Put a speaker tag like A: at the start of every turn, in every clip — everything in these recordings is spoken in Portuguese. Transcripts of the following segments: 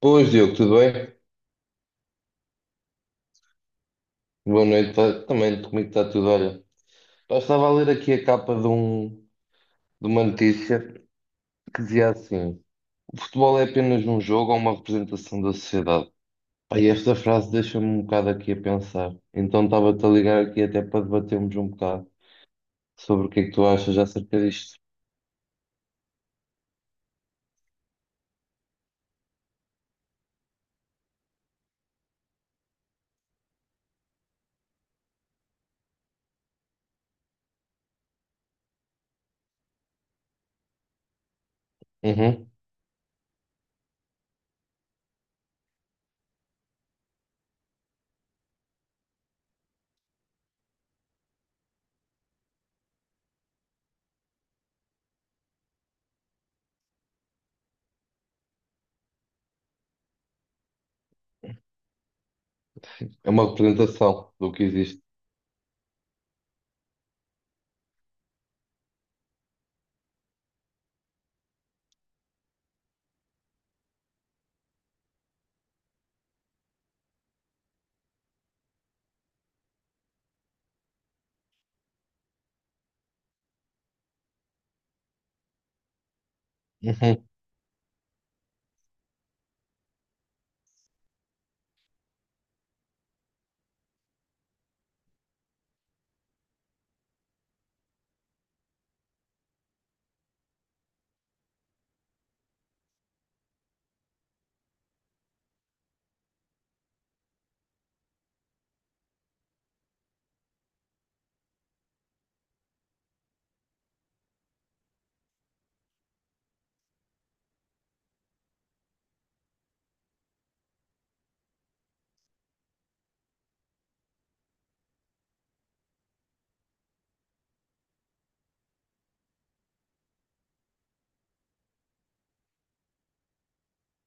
A: Pois Diogo, tudo bem? Boa noite, também comigo está tudo. Olha, eu estava a ler aqui a capa de uma notícia que dizia assim: o futebol é apenas um jogo ou uma representação da sociedade. Pá, e esta frase deixa-me um bocado aqui a pensar. Então estava-te a ligar aqui até para debatermos um bocado sobre o que é que tu achas acerca disto. Uhum. É uma representação do que existe. Uhum.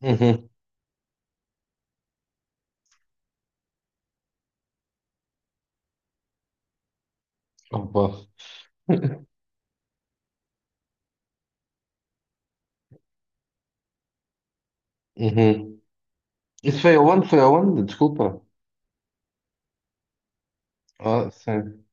A: Uhum. Opa. Uhum. Isso foi aonde? Foi aonde? Desculpa. Ah, sim.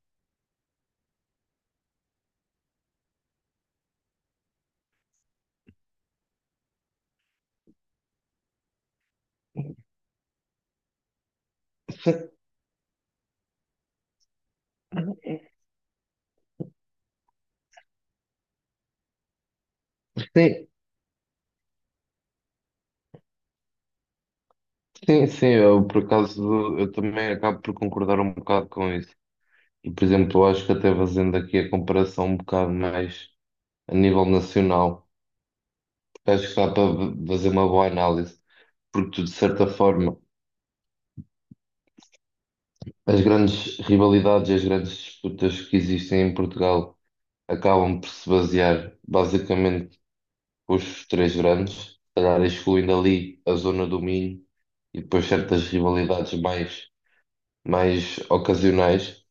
A: Sim, sim, sim, eu por acaso eu também acabo por concordar um bocado com isso. E, por exemplo, eu acho que até fazendo aqui a comparação um bocado mais a nível nacional, porque acho que dá para fazer uma boa análise, porque tu, de certa forma, as grandes rivalidades e as grandes disputas que existem em Portugal acabam por se basear basicamente com os três grandes, se calhar excluindo ali a zona do Minho e depois certas mais ocasionais.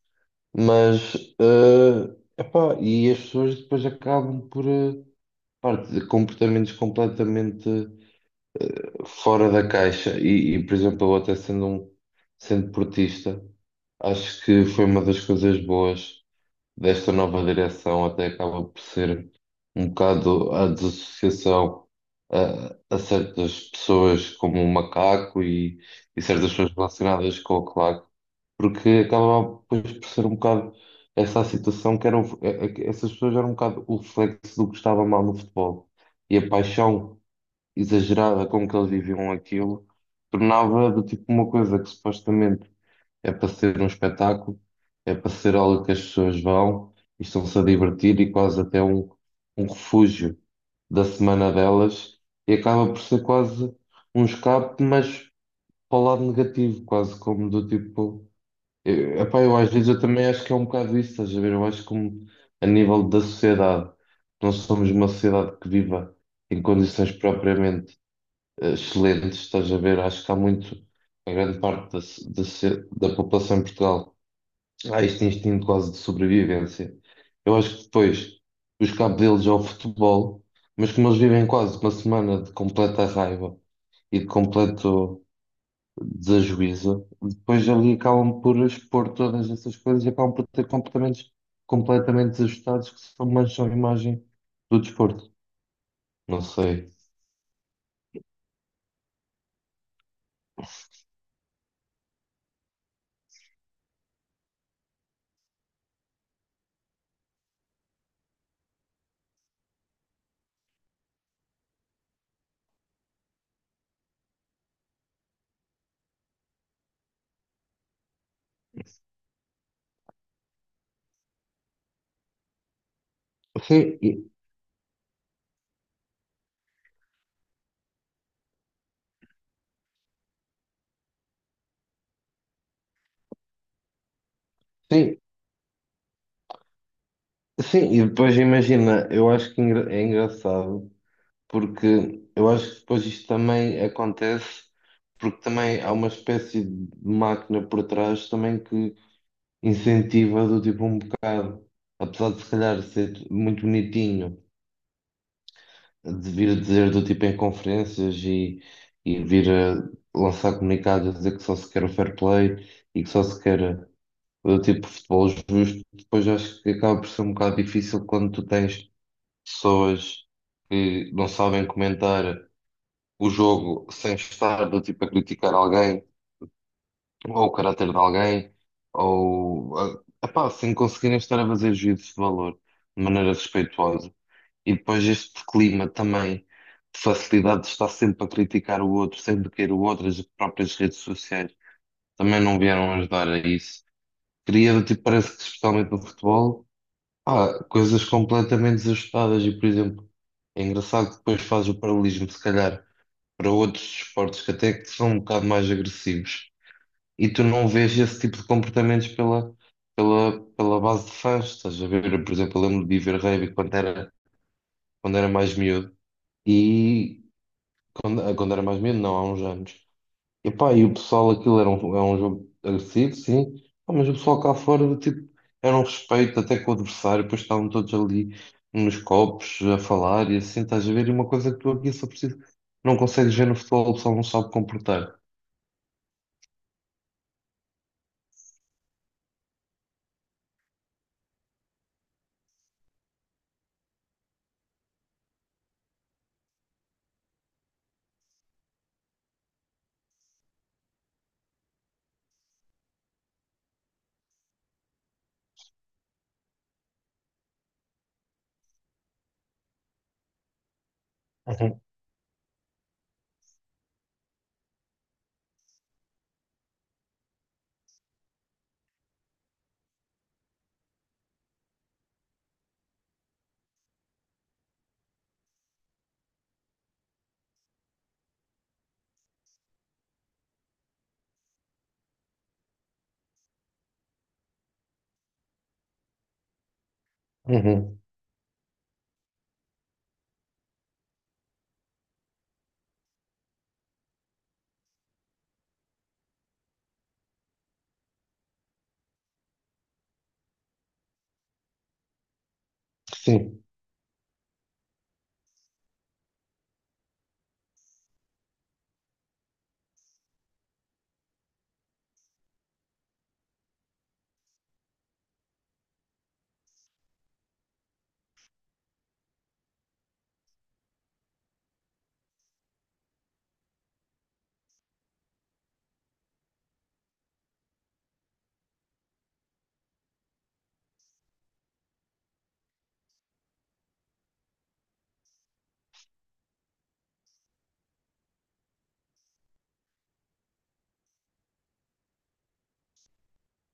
A: Mas, epá, e as pessoas depois acabam por, pá, de comportamentos completamente fora da caixa. E, por exemplo, eu até sendo um, sendo portista, acho que foi uma das coisas boas desta nova direção até acaba por ser um bocado a desassociação a certas pessoas como o macaco e certas pessoas relacionadas com o claque, porque acaba pois, por ser um bocado essa a situação que eram é- é que essas pessoas eram um bocado o reflexo do que estava mal no futebol e a paixão exagerada com que eles viviam aquilo tornava do tipo uma coisa que supostamente é para ser um espetáculo, é para ser algo que as pessoas vão e estão-se a divertir e um refúgio da semana delas e acaba por ser quase um escape, mas para o lado negativo, quase como do tipo. Eu, às vezes eu também acho que é um bocado isso, estás a ver? Eu acho como a nível da sociedade, nós somos uma sociedade que viva em condições propriamente excelentes, estás a ver? Acho que há muito, a grande parte da população em Portugal há este instinto quase de sobrevivência. Eu acho que depois os cabos deles ao futebol, mas como eles vivem quase uma semana de completa raiva e de completo desajuízo, depois ali acabam por expor todas essas coisas e acabam por ter comportamentos completamente desajustados que só mancham a imagem do desporto. Não sei. Sim, e- sim, sim. E depois imagina, eu acho é engraçado. Porque eu acho que depois isto também acontece, porque também há uma espécie de máquina por trás também que incentiva do tipo um bocado, apesar de se calhar ser muito bonitinho, de vir dizer do tipo em conferências e vir a lançar comunicados a dizer que só se quer o fair play e que só se quer do tipo futebol justo, depois acho que acaba por ser um bocado difícil quando tu tens pessoas que não sabem comentar o jogo sem estar do tipo a criticar alguém, ou o caráter de alguém, ou epá, sem conseguirem estar a fazer juízo de valor de maneira respeitosa. E depois este clima também de facilidade de estar sempre a criticar o outro, sempre querer o outro, as próprias redes sociais também não vieram ajudar a isso. Cria, do tipo, parece que especialmente no futebol, há coisas completamente desajustadas e, por exemplo, é engraçado que depois faz o paralelismo, se calhar para outros esportes que até que são um bocado mais agressivos. E tu não vês esse tipo de comportamentos pela base de fãs. Estás a ver, por exemplo, eu lembro de ir ver rugby quando era mais miúdo. E quando era mais miúdo, não, há uns anos. E pá, e o pessoal, é um jogo agressivo, sim. Pá, mas o pessoal cá fora, tipo, era um respeito até com o adversário. Depois estavam todos ali nos copos a falar e assim, estás a ver? E uma coisa que tu aqui só precisas, não consegues ver no futebol, o pessoal não sabe comportar. Uhum, uhum, sim,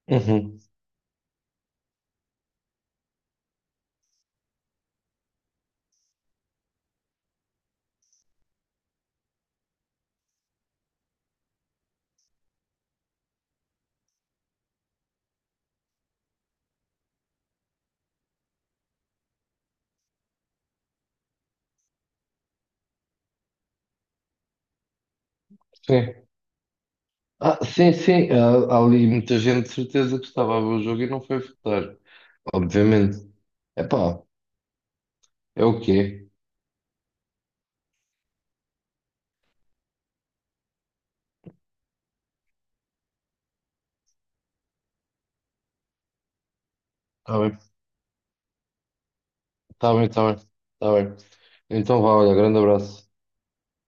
A: uhum, sim. Ah, sim, sim, há, há ali muita gente de certeza que estava a ver o jogo e não foi votar, obviamente. Epá, é o quê? Está bem, está bem, está bem, está bem. Então vá, olha, grande abraço.